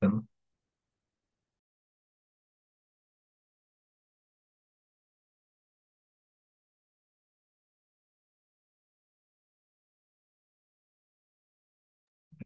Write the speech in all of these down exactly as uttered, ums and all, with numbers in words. Bueno.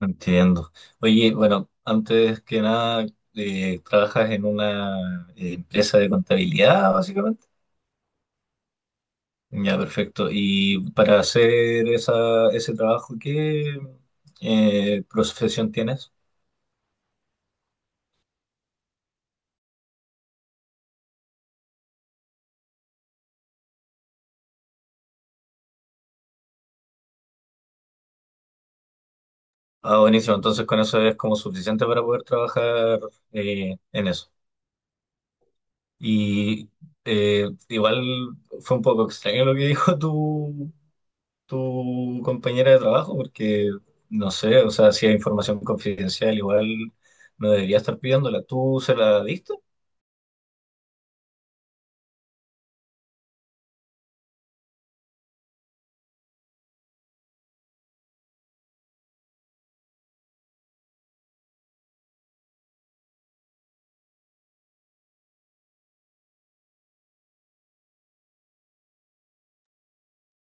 Entiendo. Oye, bueno, antes que nada, eh, ¿trabajas en una eh, empresa de contabilidad, básicamente? Ya, perfecto. Y para hacer esa, ese trabajo, ¿qué eh, profesión tienes? Ah, buenísimo. Entonces con eso es como suficiente para poder trabajar eh, en eso. Y eh, igual fue un poco extraño lo que dijo tú tu compañera de trabajo, porque no sé, o sea, si hay información confidencial, igual no debería estar pidiéndola. ¿Tú se la diste?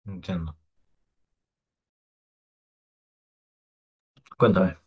Entiendo. Cuéntame.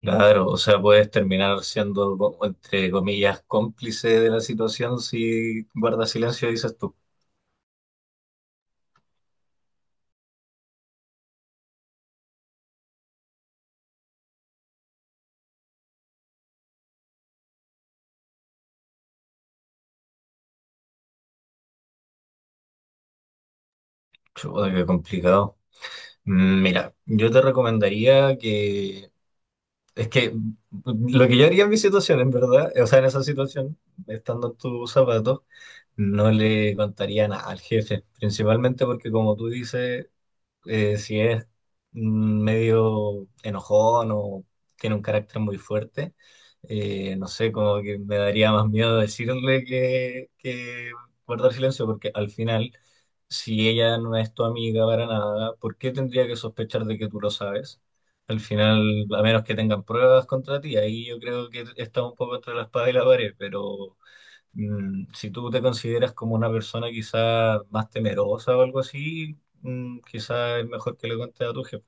Claro, o sea, puedes terminar siendo, co- entre comillas, cómplice de la situación si guardas silencio dices tú. Chuta, qué complicado. Mm, Mira, yo te recomendaría que, es que mm, lo que yo haría en mi situación, en verdad, o sea, en esa situación, estando en tus zapatos, no le contaría nada al jefe, principalmente porque como tú dices, eh, si es mm, medio enojón o tiene un carácter muy fuerte, eh, no sé, como que me daría más miedo decirle que, que guardar silencio, porque al final, si ella no es tu amiga para nada, ¿por qué tendría que sospechar de que tú lo sabes? Al final, a menos que tengan pruebas contra ti, ahí yo creo que está un poco entre la espada y la pared, pero mm, si tú te consideras como una persona quizás más temerosa o algo así, mm, quizás es mejor que le cuentes a tu jefe.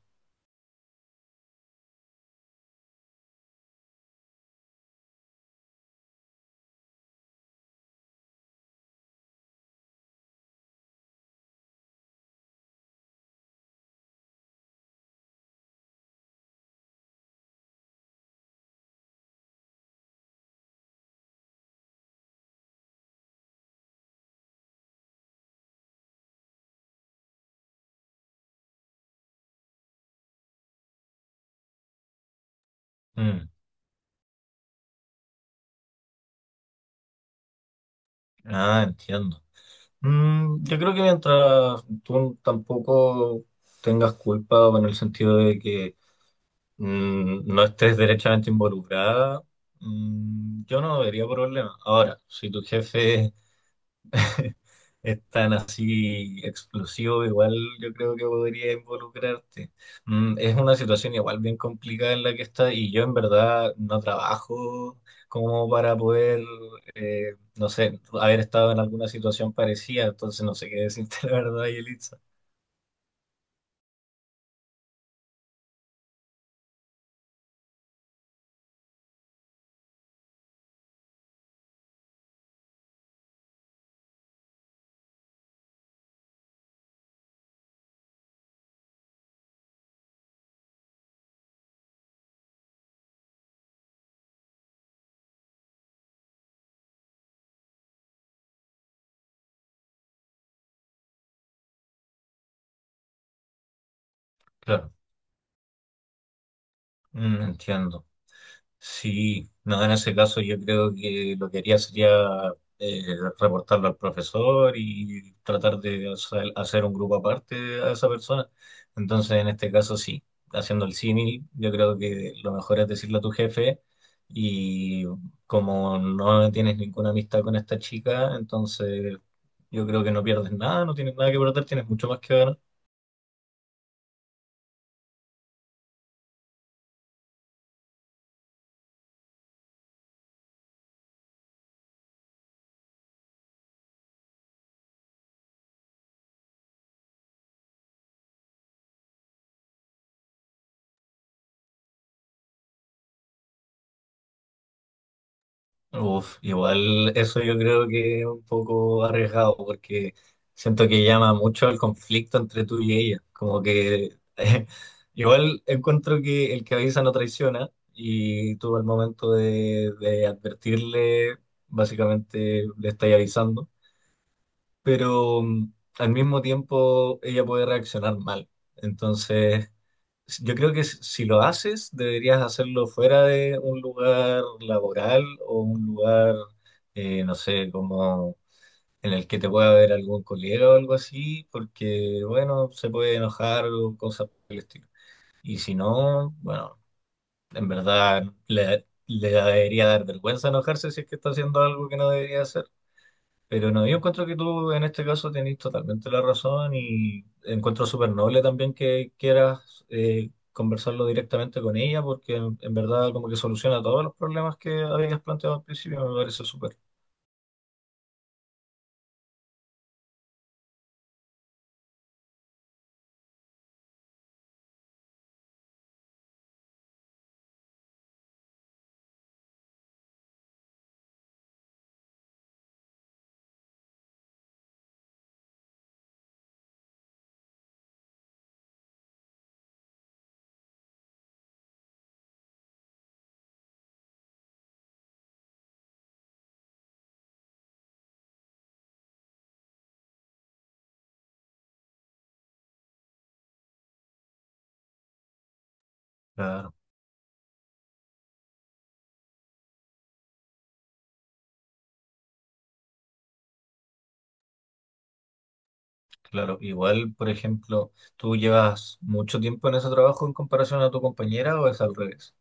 Mm, Ah, entiendo. Mm, yo creo que mientras tú tampoco tengas culpa o en el sentido de que mm, no estés derechamente involucrada, mm, yo no debería problema. Ahora, si tu jefe es tan así explosivo, igual yo creo que podría involucrarte. Mm, es una situación igual bien complicada en la que está y yo en verdad no trabajo como para poder, eh, no sé, haber estado en alguna situación parecida, entonces no sé qué decirte la verdad, Yelitza. Claro, Mm, entiendo. Sí, no, en ese caso yo creo que lo que haría sería eh, reportarlo al profesor y tratar de hacer hacer un grupo aparte a esa persona. Entonces, en este caso sí, haciendo el símil, yo creo que lo mejor es decirle a tu jefe y como no tienes ninguna amistad con esta chica, entonces yo creo que no pierdes nada, no tienes nada que perder, tienes mucho más que ganar. Uf, igual eso yo creo que es un poco arriesgado porque siento que llama mucho al conflicto entre tú y ella. Como que igual encuentro que el que avisa no traiciona y tú al momento de, de advertirle, básicamente le estás avisando, pero mm, al mismo tiempo ella puede reaccionar mal. Entonces, s- yo creo que s- si lo haces, deberías hacerlo fuera de un lugar laboral o un lugar, eh, no sé, como en el que te pueda ver algún colega o algo así, porque, bueno, se puede enojar o cosas por el estilo. Y si no, bueno, en verdad le, le debería dar vergüenza enojarse si es que está haciendo algo que no debería hacer. Pero no, yo encuentro que tú en este caso tenés totalmente la razón y encuentro súper noble también que quieras eh, conversarlo directamente con ella porque en, en verdad como que soluciona todos los problemas que habías planteado al principio, me parece súper. Claro, claro. Igual, por ejemplo, ¿tú llevas mucho tiempo en ese trabajo en comparación a tu compañera o es al revés?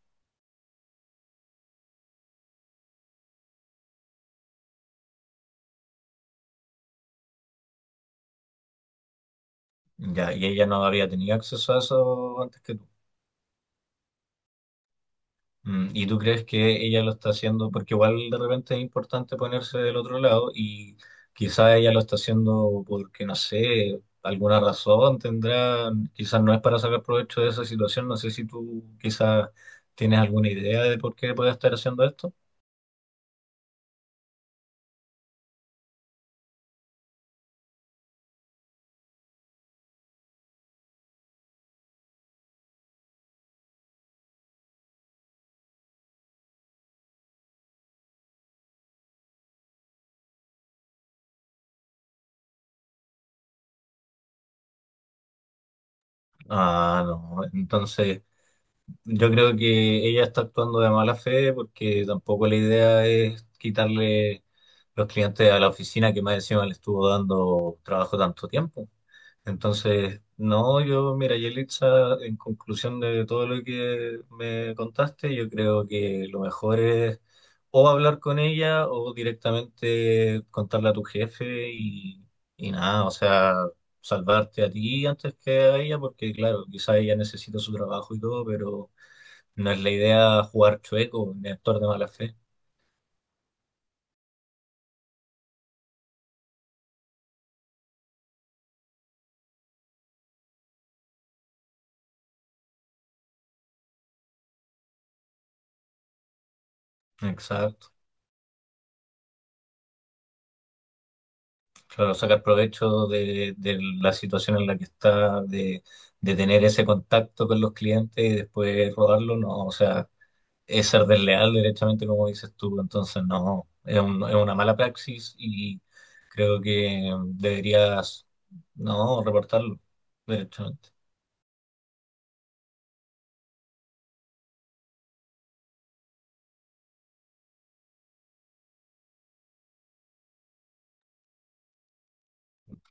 Ya, y ella no había tenido acceso a eso antes que tú. Mm, ¿Y tú crees que ella lo está haciendo? Porque igual de repente es importante ponerse del otro lado y quizás ella lo está haciendo porque, no sé, alguna razón tendrá, quizás no es para sacar provecho de esa situación, no sé si tú quizás tienes alguna idea de por qué puede estar haciendo esto. Ah, no, entonces yo creo que ella está actuando de mala fe porque tampoco la idea es quitarle los clientes a la oficina que más encima le estuvo dando trabajo tanto tiempo. Entonces, no, yo, mira, Yelitza, en conclusión de todo lo que me contaste, yo creo que lo mejor es o hablar con ella o directamente contarle a tu jefe y, y nada, o sea, salvarte a ti antes que a ella, porque claro, quizá ella necesita su trabajo y todo, pero no es la idea jugar chueco ni actuar de mala fe. Exacto. Claro, sacar provecho de, de la situación en la que está, de, de tener ese contacto con los clientes y después rodarlo, no, o sea, es ser desleal directamente, como dices tú, entonces no, es un- es una mala praxis y creo que deberías, no, reportarlo directamente.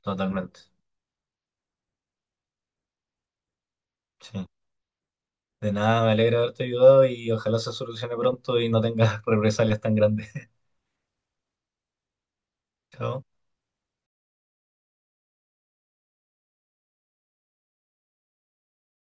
Totalmente. Sí. De nada, me alegra haberte ayudado y ojalá se solucione pronto y no tengas represalias tan grandes. Chao.